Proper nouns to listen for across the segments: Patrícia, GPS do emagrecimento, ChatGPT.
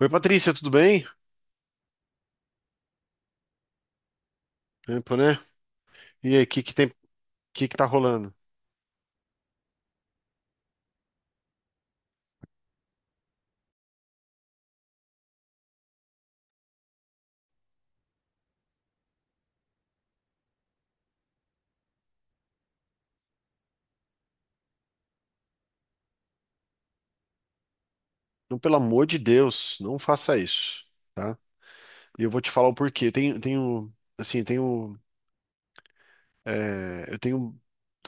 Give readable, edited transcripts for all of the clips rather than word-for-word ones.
Oi, Patrícia, tudo bem? Tempo, né? E aí, o que que tem, que tá rolando? Não, pelo amor de Deus, não faça isso, tá? E eu vou te falar o porquê. Eu Tenho, tenho, assim, tenho, é, eu tenho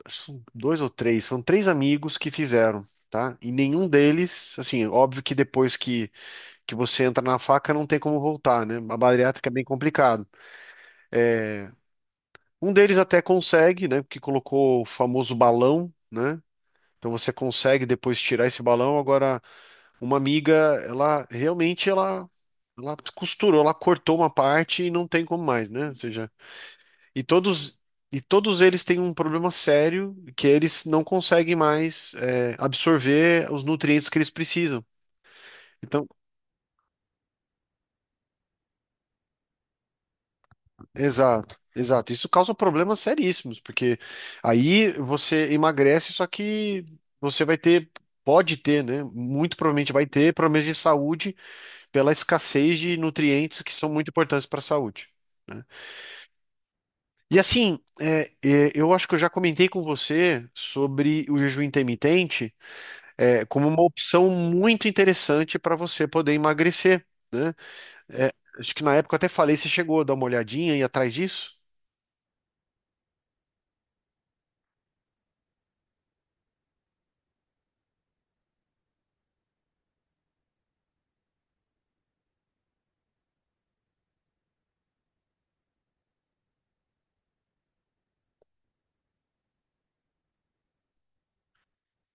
acho, dois ou três, são três amigos que fizeram, tá? E nenhum deles, assim, óbvio que depois que você entra na faca não tem como voltar, né? A bariátrica é bem complicado. É, um deles até consegue, né? Porque colocou o famoso balão, né? Então você consegue depois tirar esse balão, agora uma amiga, ela realmente, ela costurou, ela cortou uma parte e não tem como mais, né? Ou seja, e todos e todos eles têm um problema sério que eles não conseguem mais absorver os nutrientes que eles precisam. Então, exato, exato. Isso causa problemas seríssimos, porque aí você emagrece, só que você vai ter Pode ter, né? Muito provavelmente vai ter problemas de saúde pela escassez de nutrientes que são muito importantes para a saúde, né? E assim, eu acho que eu já comentei com você sobre o jejum intermitente, como uma opção muito interessante para você poder emagrecer, né? É, acho que na época eu até falei, você chegou a dar uma olhadinha e atrás disso.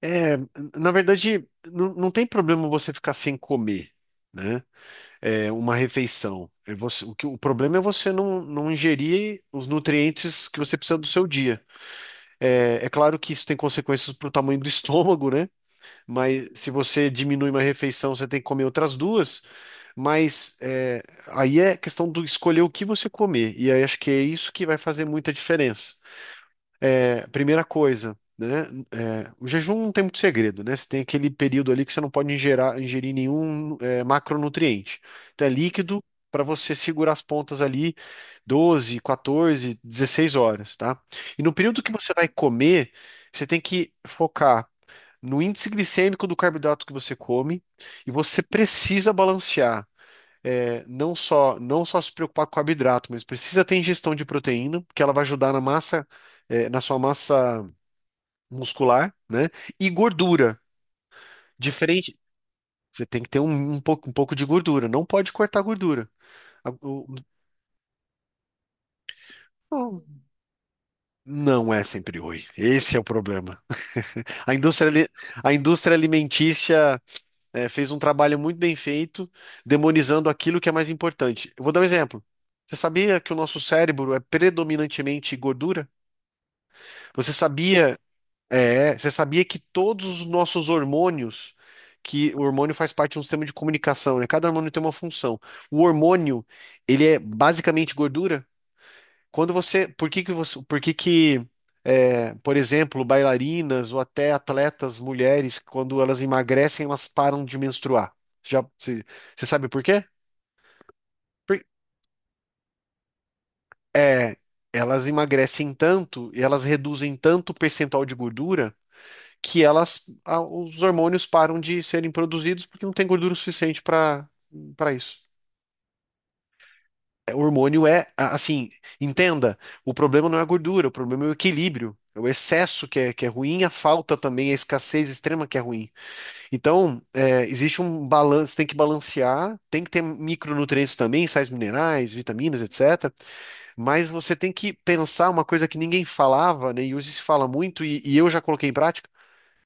É, na verdade, não tem problema você ficar sem comer, né? É, uma refeição. O problema é você não ingerir os nutrientes que você precisa do seu dia. É, é claro que isso tem consequências para o tamanho do estômago, né? Mas se você diminui uma refeição, você tem que comer outras duas. Mas é, aí é questão do escolher o que você comer. E aí acho que é isso que vai fazer muita diferença. É, primeira coisa, né? O jejum não tem muito segredo, né? Você tem aquele período ali que você não pode ingerir nenhum macronutriente. Então é líquido para você segurar as pontas ali 12, 14, 16 horas, tá? E no período que você vai comer, você tem que focar no índice glicêmico do carboidrato que você come e você precisa balancear. Não só se preocupar com o carboidrato, mas precisa ter ingestão de proteína, que ela vai ajudar na massa, na sua massa muscular, né? E gordura. Diferente, você tem que ter um pouco de gordura. Não pode cortar gordura. A- o- o- não é sempre ruim. Esse é o problema. A indústria, ali- a indústria alimentícia, é, fez um trabalho muito bem feito, demonizando aquilo que é mais importante. Eu vou dar um exemplo. Você sabia que o nosso cérebro é predominantemente gordura? Você sabia, você sabia que todos os nossos hormônios, que o hormônio faz parte de um sistema de comunicação, né? Cada hormônio tem uma função. O hormônio, ele é basicamente gordura? Quando você, por que que você, por que que, é, Por exemplo, bailarinas ou até atletas mulheres, quando elas emagrecem, elas param de menstruar? Já, você, você sabe por quê? Por- é, Elas emagrecem tanto e elas reduzem tanto o percentual de gordura que os hormônios param de serem produzidos porque não tem gordura suficiente para isso. O hormônio assim, entenda, o problema não é a gordura, o problema é o equilíbrio, é o excesso que é ruim, a falta também, a escassez extrema que é ruim. Então, é, existe um balanço, tem que balancear, tem que ter micronutrientes também, sais minerais, vitaminas, etc. Mas você tem que pensar uma coisa que ninguém falava, né, e hoje se fala muito, e eu já coloquei em prática,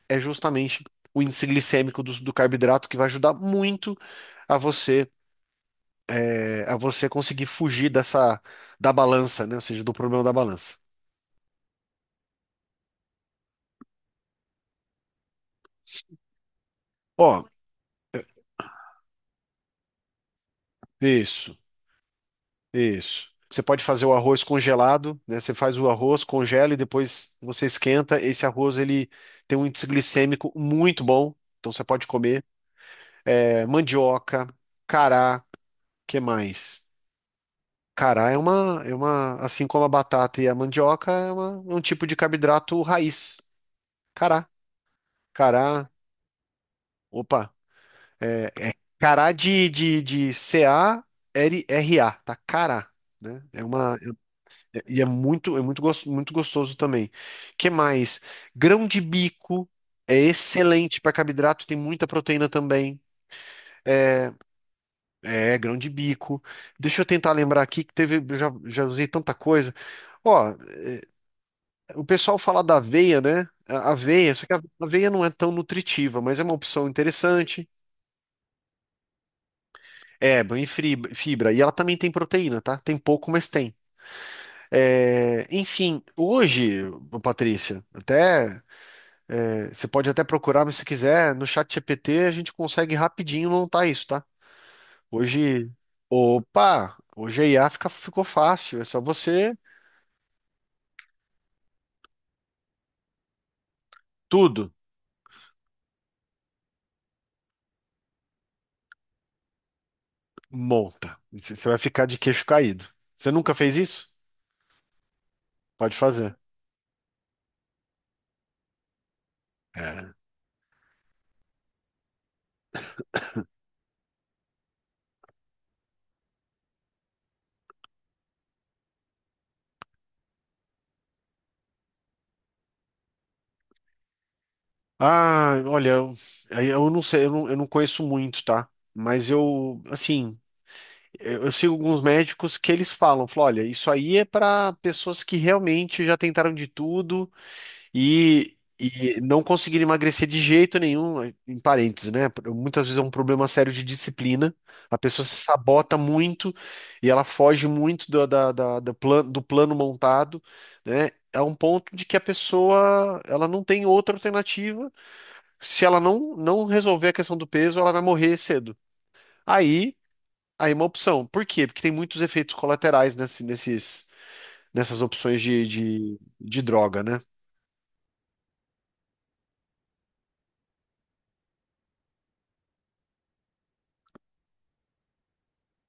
é justamente o índice glicêmico do carboidrato, que vai ajudar muito a você a você conseguir fugir dessa da balança, né? Ou seja, do problema da balança. Ó, isso, isso. Você pode fazer o arroz congelado, né? Você faz o arroz, congela e depois você esquenta. Esse arroz ele tem um índice glicêmico muito bom, então você pode comer. É, mandioca, cará, que mais? Cará é uma, assim como a batata e a mandioca, é um tipo de carboidrato raiz. Cará, cará, opa. é, Cará de, de C-A-R-R-A, tá? Cará, né? E é muito, muito gostoso também. Que mais? Grão de bico é excelente para carboidrato, tem muita proteína também. É, grão de bico. Deixa eu tentar lembrar aqui que teve, já usei tanta coisa. Ó, o pessoal fala da aveia, né? A aveia, só que a aveia não é tão nutritiva, mas é uma opção interessante. Fibra. E ela também tem proteína, tá? Tem pouco, mas tem. É, enfim, hoje, ô Patrícia, até você pode até procurar, mas se quiser, no chat GPT a gente consegue rapidinho montar isso, tá? Hoje, opa, hoje a IA ficou fácil, é só você tudo monta. Você vai ficar de queixo caído. Você nunca fez isso? Pode fazer. É. Ah, olha, eu, aí eu não sei, eu não conheço muito, tá? Mas eu, assim. Eu sigo alguns médicos que eles falam, falam, olha, isso aí é para pessoas que realmente já tentaram de tudo e não conseguiram emagrecer de jeito nenhum, em parênteses, né? Muitas vezes é um problema sério de disciplina, a pessoa se sabota muito e ela foge muito do, da, da- da plan- do plano montado, né? A um ponto de que a pessoa ela não tem outra alternativa. Se ela não resolver a questão do peso, ela vai morrer cedo. Aí Aí é uma opção. Por quê? Porque tem muitos efeitos colaterais nesses, nessas opções de droga, né?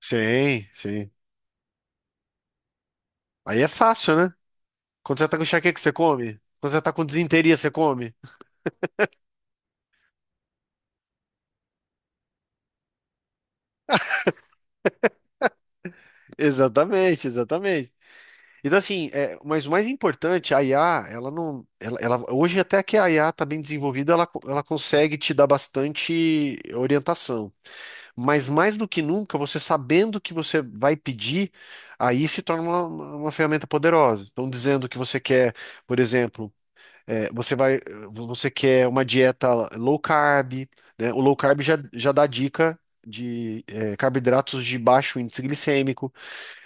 Sim, sim. Aí é fácil, né? Quando você tá com enxaqueca, você come. Quando você tá com disenteria, você come. Exatamente, exatamente. Então, assim, é, mas o mais importante, a IA, ela não. Hoje, até que a IA tá bem desenvolvida, ela consegue te dar bastante orientação. Mas mais do que nunca, você sabendo que você vai pedir, aí se torna uma ferramenta poderosa. Então, dizendo que você quer, por exemplo, eh, você vai, você quer uma dieta low carb, né? O low carb já dá dica de carboidratos de baixo índice glicêmico,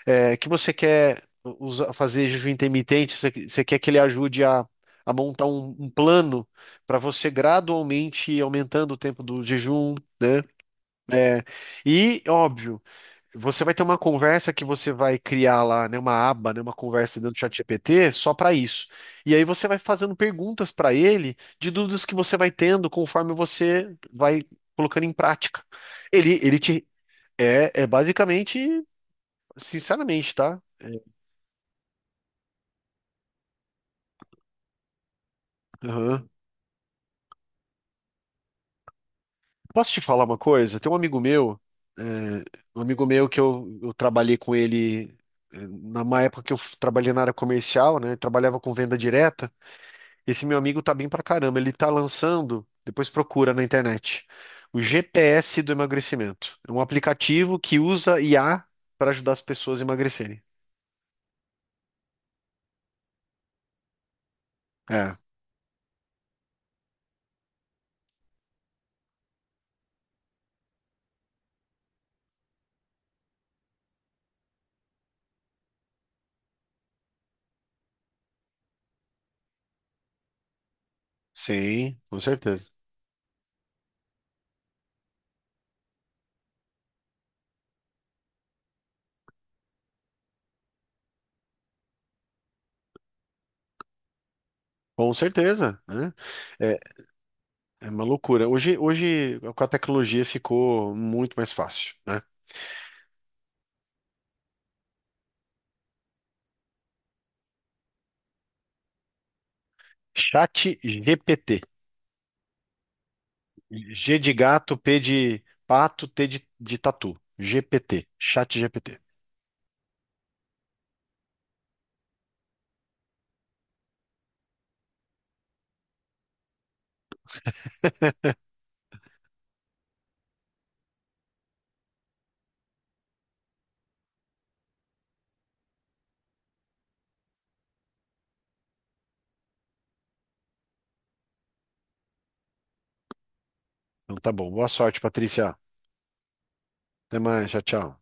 eh, que você quer fazer jejum intermitente, você quer que ele ajude a montar um plano para você gradualmente ir aumentando o tempo do jejum. eh, e óbvio, você vai ter uma conversa que você vai criar lá, né, uma aba, né, uma conversa dentro do ChatGPT só para isso. E aí você vai fazendo perguntas para ele de dúvidas que você vai tendo conforme você vai colocando em prática. Ele, ele te É basicamente, sinceramente, tá? Aham. Posso te falar uma coisa? Tem um amigo meu, é, um amigo meu que eu trabalhei com ele na uma época que eu trabalhei na área comercial, né? Trabalhava com venda direta. Esse meu amigo tá bem pra caramba. Ele tá lançando, depois procura na internet, o GPS do emagrecimento. É um aplicativo que usa IA para ajudar as pessoas a emagrecerem. É, sim, com certeza. Com certeza, né? É, é uma loucura. Hoje, hoje, com a tecnologia ficou muito mais fácil, né? Chat GPT. G de gato, P de pato, T de tatu. GPT. Chat GPT. Então tá bom. Boa sorte, Patrícia. Até mais. Tchau, tchau.